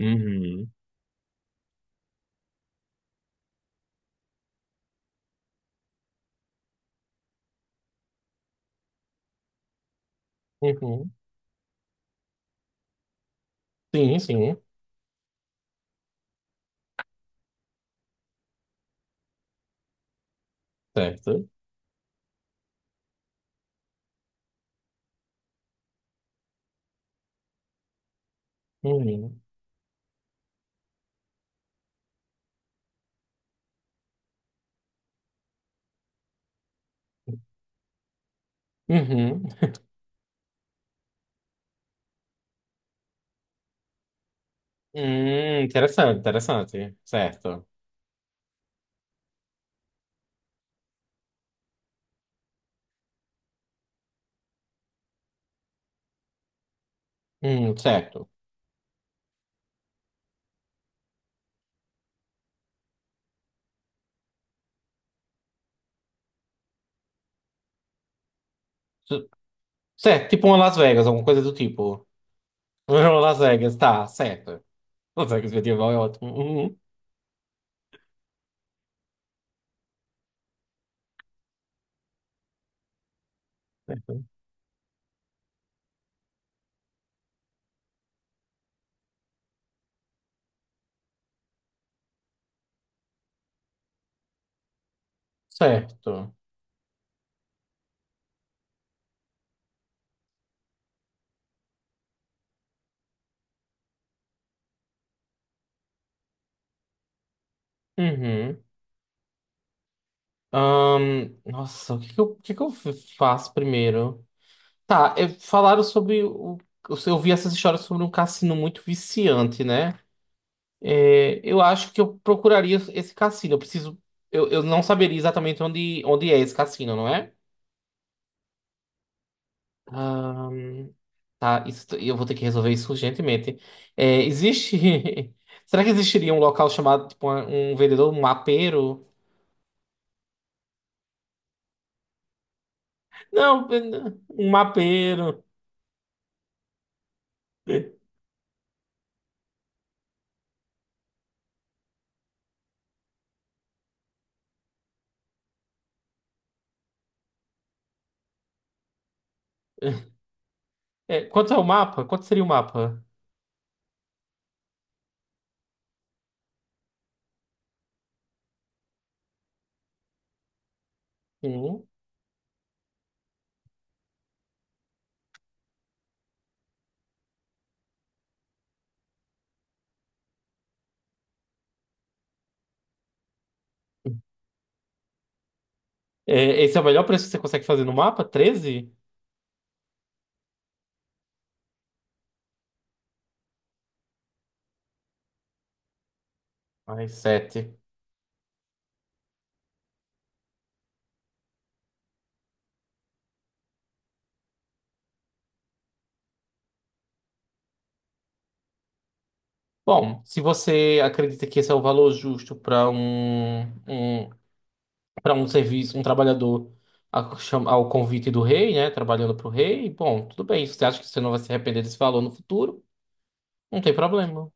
Uhum. Uhum. Sim, sim. Certo. Uhum. Uhum. Interessante, interessante. Certo. Certo. C- Certo, tipo uma Las Vegas, alguma coisa do tipo. Uma Las Vegas, tá, certo. Las Vegas medieval é ótimo. Uhum. Certo. Certo. Uhum. Nossa, o que que eu faço primeiro? Tá, é, falaram sobre eu vi essas histórias sobre um cassino muito viciante, né? É, eu acho que eu procuraria esse cassino. Eu preciso. Eu não saberia exatamente onde é esse cassino, não é? Ah, tá, isso, eu vou ter que resolver isso urgentemente. É, existe. Será que existiria um local chamado, tipo, um vendedor, um mapeiro? Não, um mapeiro. É, quanto é o mapa? Quanto seria o mapa? Hum. É, esse é o melhor preço que você consegue fazer no mapa? 13. Mais 7. Bom, se você acredita que esse é o valor justo para um serviço, um trabalhador ao convite do rei, né? Trabalhando para o rei, bom, tudo bem. Se você acha que você não vai se arrepender desse valor no futuro, não tem problema.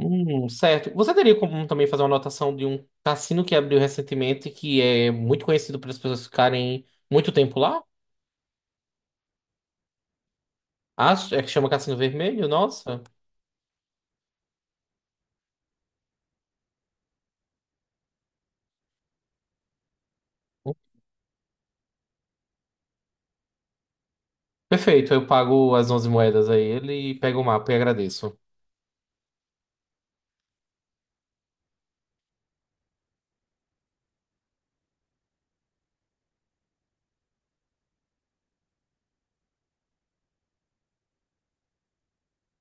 Certo. Você teria como também fazer uma anotação de um cassino que abriu recentemente, que é muito conhecido pelas pessoas ficarem muito tempo lá? Acho, é que chama Cassino Vermelho, nossa. Perfeito, eu pago as 11 moedas a ele e pego o mapa e agradeço.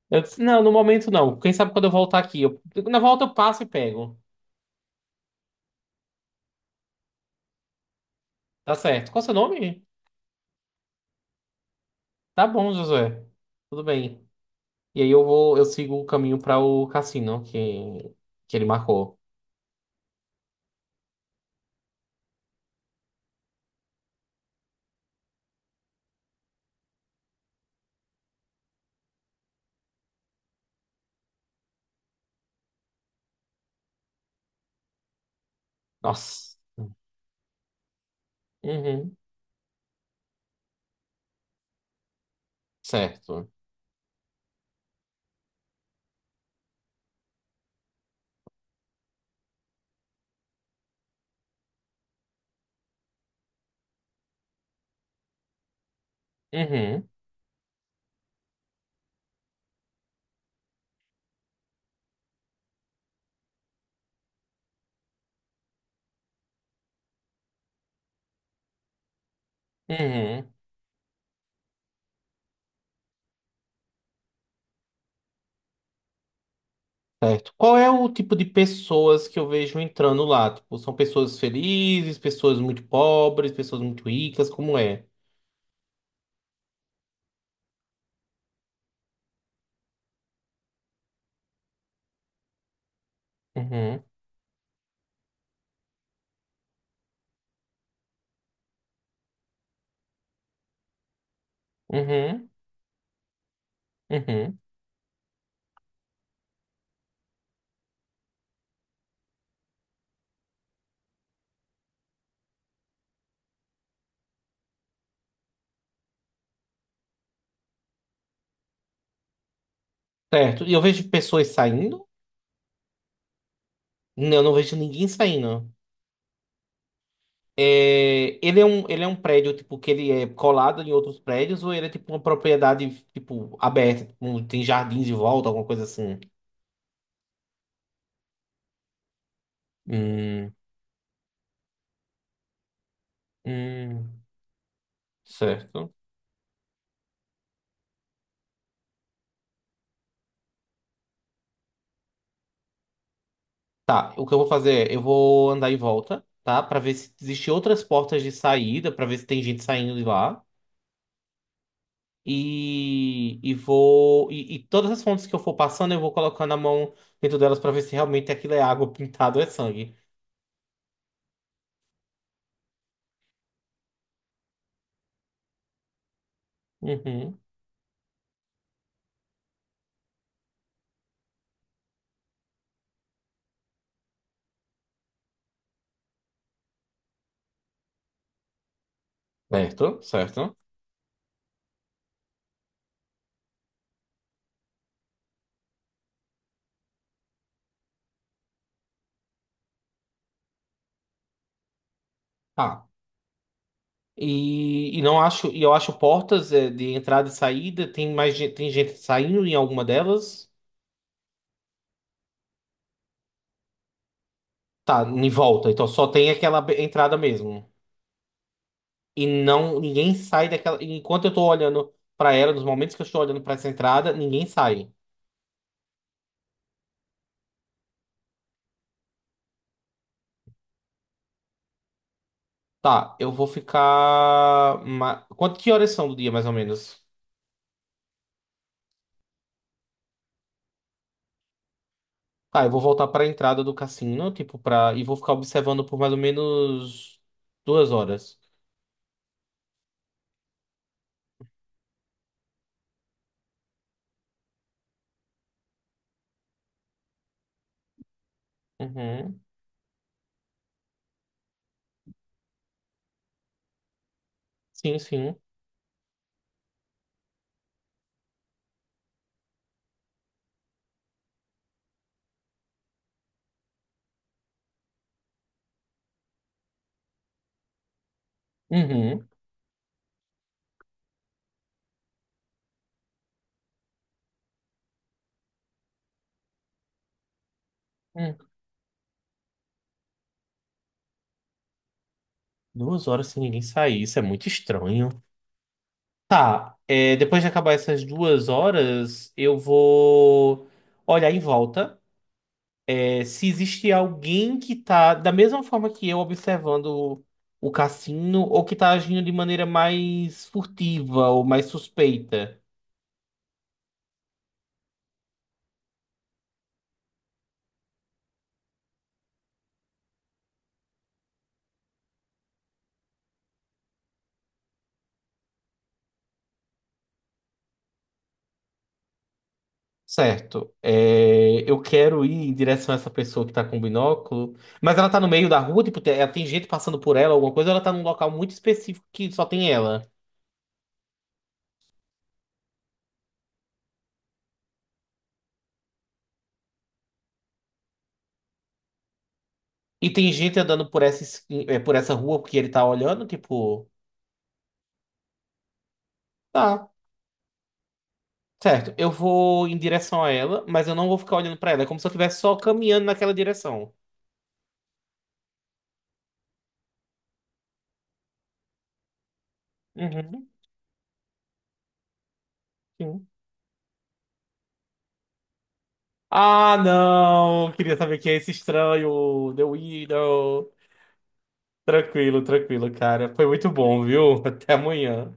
Eu disse, não, no momento não. Quem sabe quando eu voltar aqui. Eu- na volta eu passo e pego. Tá certo. Qual é o seu nome? Tá bom, Josué. Tudo bem. E aí eu sigo o caminho para o cassino que ele marcou. Nossa. Uhum. Certo. Uhum. Uhum. Certo. Qual é o tipo de pessoas que eu vejo entrando lá? Tipo, são pessoas felizes, pessoas muito pobres, pessoas muito ricas, como é? Uhum. Uhum. Uhum. Certo. E eu vejo pessoas saindo? Não, eu não vejo ninguém saindo. É, ele é um prédio, tipo, que ele é colado em outros prédios, ou ele é tipo uma propriedade, tipo, aberta, tipo, um- tem jardins de volta, alguma coisa assim. Hum, hum, certo. Tá, o que eu vou fazer é, eu vou andar em volta, tá? Pra ver se existem outras portas de saída, pra ver se tem gente saindo de lá. E vou. E todas as fontes que eu for passando, eu vou colocando a mão dentro delas pra ver se realmente aquilo é água pintada ou é sangue. Uhum. Certo, certo. Tá. E não acho, e eu acho portas é, de entrada e saída. Tem mais gente, tem gente saindo em alguma delas? Tá, em volta. Então só tem aquela entrada mesmo. E não, ninguém sai daquela. Enquanto eu tô olhando pra ela, nos momentos que eu estou olhando pra essa entrada, ninguém sai. Tá, eu vou ficar. Quanto que horas são do dia, mais ou menos? Tá, eu vou voltar pra entrada do cassino, tipo, pra. E vou ficar observando por mais ou menos duas horas. Uhum. Sim, sim. Uhum. Uhum. Duas horas sem ninguém sair, isso é muito estranho. Tá, é, depois de acabar essas duas horas, eu vou olhar em volta. É, se existe alguém que tá, da mesma forma que eu, observando o cassino, ou que tá agindo de maneira mais furtiva ou mais suspeita. Certo. É, eu quero ir em direção a essa pessoa que tá com o binóculo. Mas ela tá no meio da rua, tipo, ela tem gente passando por ela, alguma coisa, ou ela tá num local muito específico que só tem ela. E tem gente andando por essa, por essa rua porque ele tá olhando, tipo, tá, certo, eu vou em direção a ela, mas eu não vou ficar olhando pra ela. É como se eu estivesse só caminhando naquela direção. Uhum, sim. Ah, não! Queria saber quem é esse estranho, The Widow. Tranquilo, tranquilo, cara. Foi muito bom, viu? Até amanhã.